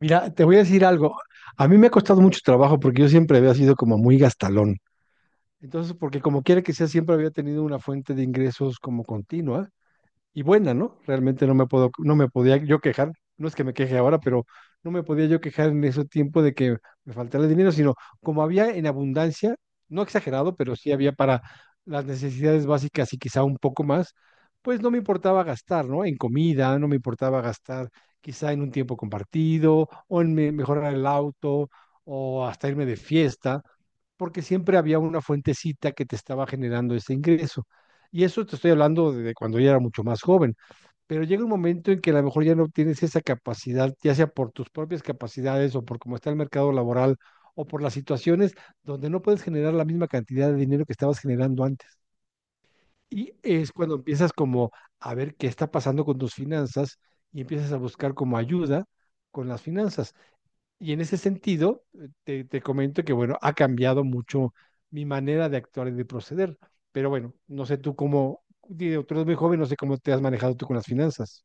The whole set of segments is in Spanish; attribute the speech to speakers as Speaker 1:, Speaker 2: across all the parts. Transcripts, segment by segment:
Speaker 1: Mira, te voy a decir algo. A mí me ha costado mucho trabajo porque yo siempre había sido como muy gastalón. Entonces, porque como quiera que sea, siempre había tenido una fuente de ingresos como continua y buena, ¿no? Realmente no me puedo, no me podía yo quejar, no es que me queje ahora, pero no me podía yo quejar en ese tiempo de que me faltara dinero, sino como había en abundancia, no exagerado, pero sí había para las necesidades básicas y quizá un poco más, pues no me importaba gastar, ¿no? En comida, no me importaba gastar quizá en un tiempo compartido o en mejorar el auto o hasta irme de fiesta, porque siempre había una fuentecita que te estaba generando ese ingreso. Y eso te estoy hablando de cuando ya era mucho más joven, pero llega un momento en que a lo mejor ya no tienes esa capacidad, ya sea por tus propias capacidades o por cómo está el mercado laboral o por las situaciones donde no puedes generar la misma cantidad de dinero que estabas generando antes. Y es cuando empiezas como a ver qué está pasando con tus finanzas y empiezas a buscar como ayuda con las finanzas. Y en ese sentido, te comento que, bueno, ha cambiado mucho mi manera de actuar y de proceder. Pero bueno, no sé tú cómo, digo, tú eres muy joven, no sé cómo te has manejado tú con las finanzas.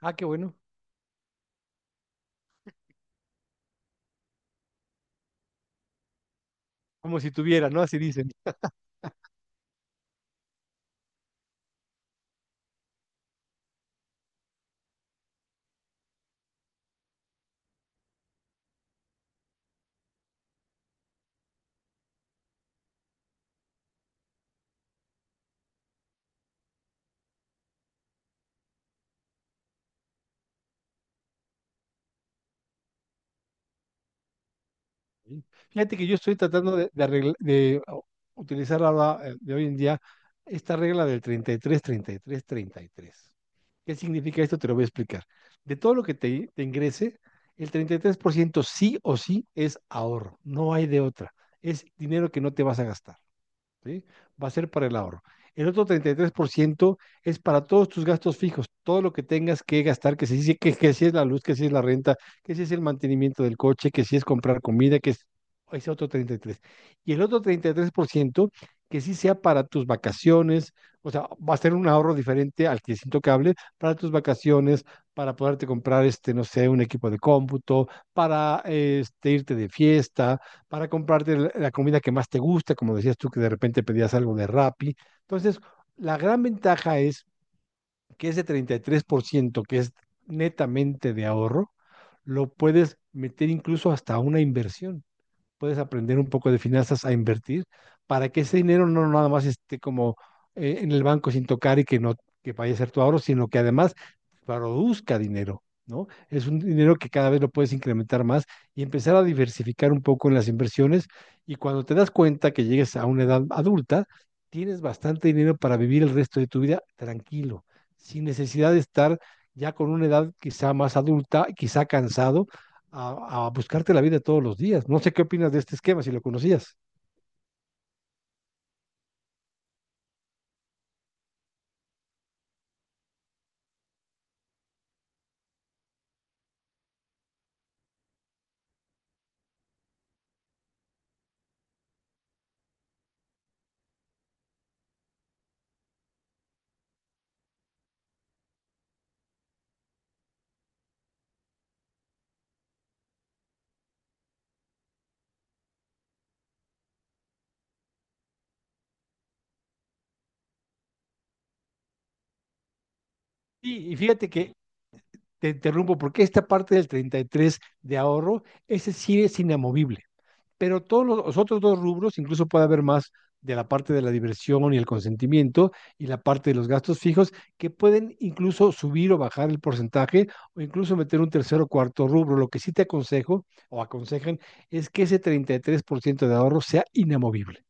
Speaker 1: Ah, qué bueno, como si tuviera, ¿no? Así dicen. Sí. Fíjate que yo estoy tratando de, arregla- de, o, utilizar ahora, de hoy en día esta regla del treinta y tres treinta y tres treinta y tres. ¿Qué significa esto? Te lo voy a explicar. De todo lo que te ingrese, el 33% sí o sí es ahorro, no hay de otra. Es dinero que no te vas a gastar. ¿Sí? Va a ser para el ahorro. El otro 33% es para todos tus gastos fijos, todo lo que tengas que gastar, que, que si es la luz, que si es la renta, que si es el mantenimiento del coche, que si es comprar comida, que es ese otro treinta y tres. Y el otro 33% que sí sea para tus vacaciones, o sea, va a ser un ahorro diferente al que es intocable, para tus vacaciones, para poderte comprar, este, no sé, un equipo de cómputo, para este, irte de fiesta, para comprarte la comida que más te gusta, como decías tú que de repente pedías algo de Rappi. Entonces, la gran ventaja es que ese 33%, que es netamente de ahorro, lo puedes meter incluso hasta una inversión puedes aprender un poco de finanzas a invertir para que ese dinero no nada más esté como en el banco sin tocar y que no que vaya a ser tu ahorro, sino que además produzca dinero, ¿no? Es un dinero que cada vez lo puedes incrementar más y empezar a diversificar un poco en las inversiones y cuando te das cuenta que llegues a una edad adulta, tienes bastante dinero para vivir el resto de tu vida tranquilo, sin necesidad de estar ya con una edad quizá más adulta, quizá cansado a buscarte la vida todos los días. No sé qué opinas de este esquema, si lo conocías. Sí, y fíjate que te interrumpo, porque esta parte del 33 de ahorro, ese sí es inamovible, pero todos los otros dos rubros, incluso puede haber más de la parte de la diversión y el consentimiento y la parte de los gastos fijos, que pueden incluso subir o bajar el porcentaje o incluso meter un tercer o cuarto rubro. Lo que sí te aconsejo o aconsejan es que ese 33% de ahorro sea inamovible.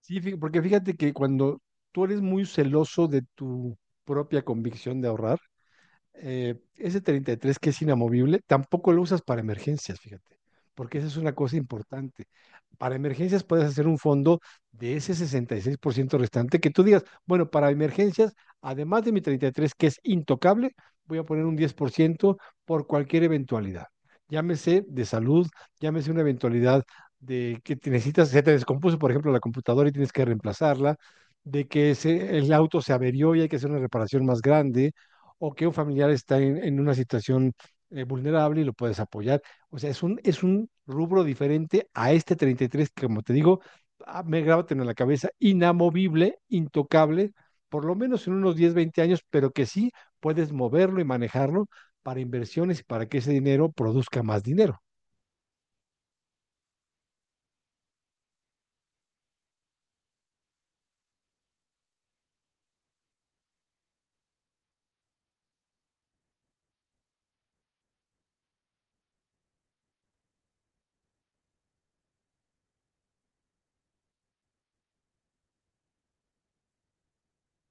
Speaker 1: Sí, porque fíjate que cuando tú eres muy celoso de tu propia convicción de ahorrar, ese 33 que es inamovible, tampoco lo usas para emergencias, fíjate, porque esa es una cosa importante. Para emergencias puedes hacer un fondo de ese 66% restante que tú digas, bueno, para emergencias, además de mi 33 que es intocable, voy a poner un 10% por ciento por cualquier eventualidad. Llámese de salud, llámese una eventualidad de que te necesitas, se te descompuso, por ejemplo, la computadora y tienes que reemplazarla, de que el auto se averió y hay que hacer una reparación más grande, o que un familiar está en una situación vulnerable y lo puedes apoyar. O sea, es un rubro diferente a este 33 que, como te digo, ah, me grábatelo en la cabeza, inamovible, intocable, por lo menos en unos 10 20 años, pero que sí puedes moverlo y manejarlo para inversiones y para que ese dinero produzca más dinero.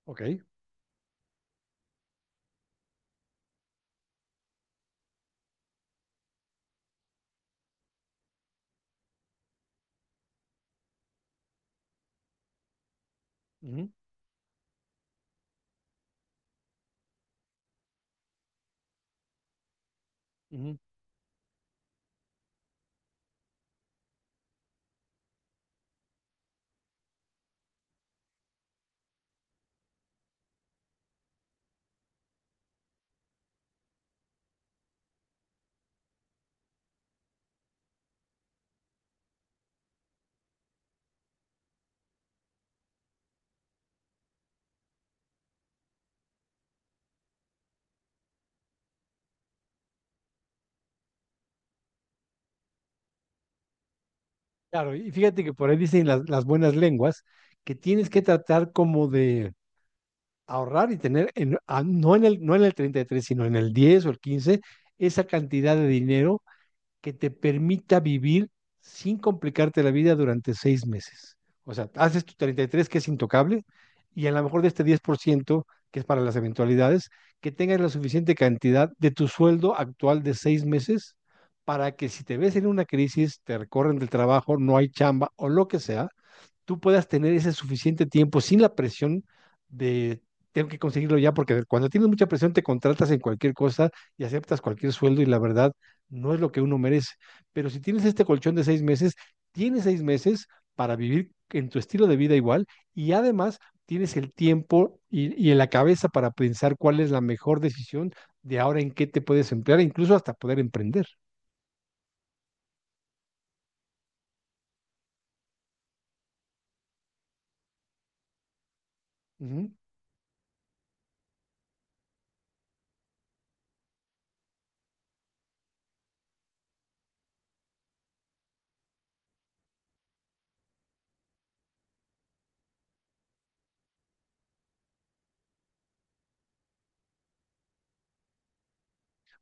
Speaker 1: ¿Ok? Ujú, ujú. Claro, y fíjate que por ahí dicen las buenas lenguas que tienes que tratar como de ahorrar y tener, no, en el, no en el 33, sino en el 10 o el 15, esa cantidad de dinero que te permita vivir sin complicarte la vida durante seis meses. O sea, haces tu 33 que es intocable y a lo mejor de este 10% que es para las eventualidades, que tengas la suficiente cantidad de tu sueldo actual de seis meses para que si te ves en una crisis, te recorren del trabajo, no hay chamba o lo que sea, tú puedas tener ese suficiente tiempo sin la presión de tengo que conseguirlo ya, porque cuando tienes mucha presión te contratas en cualquier cosa y aceptas cualquier sueldo y la verdad no es lo que uno merece. Pero si tienes este colchón de seis meses, tienes seis meses para vivir en tu estilo de vida igual y además tienes el tiempo y en la cabeza para pensar cuál es la mejor decisión de ahora en qué te puedes emplear, incluso hasta poder emprender. Uh -huh.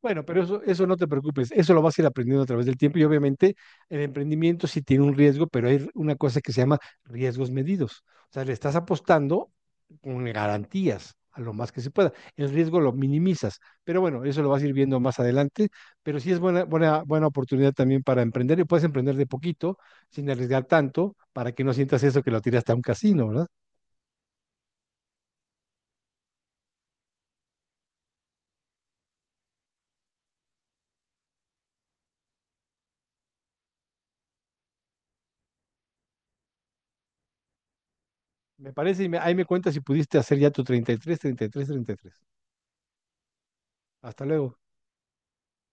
Speaker 1: Bueno, pero eso no te preocupes, eso lo vas a ir aprendiendo a través del tiempo y obviamente el emprendimiento sí tiene un riesgo, pero hay una cosa que se llama riesgos medidos. O sea, le estás apostando con garantías a lo más que se pueda. El riesgo lo minimizas, pero bueno, eso lo vas a ir viendo más adelante, pero sí es buena, buena, buena oportunidad también para emprender y puedes emprender de poquito, sin arriesgar tanto, para que no sientas eso que lo tiraste a un casino, ¿verdad? Me parece y me, ahí me cuentas si pudiste hacer ya tu 33, 33, 33. Hasta luego.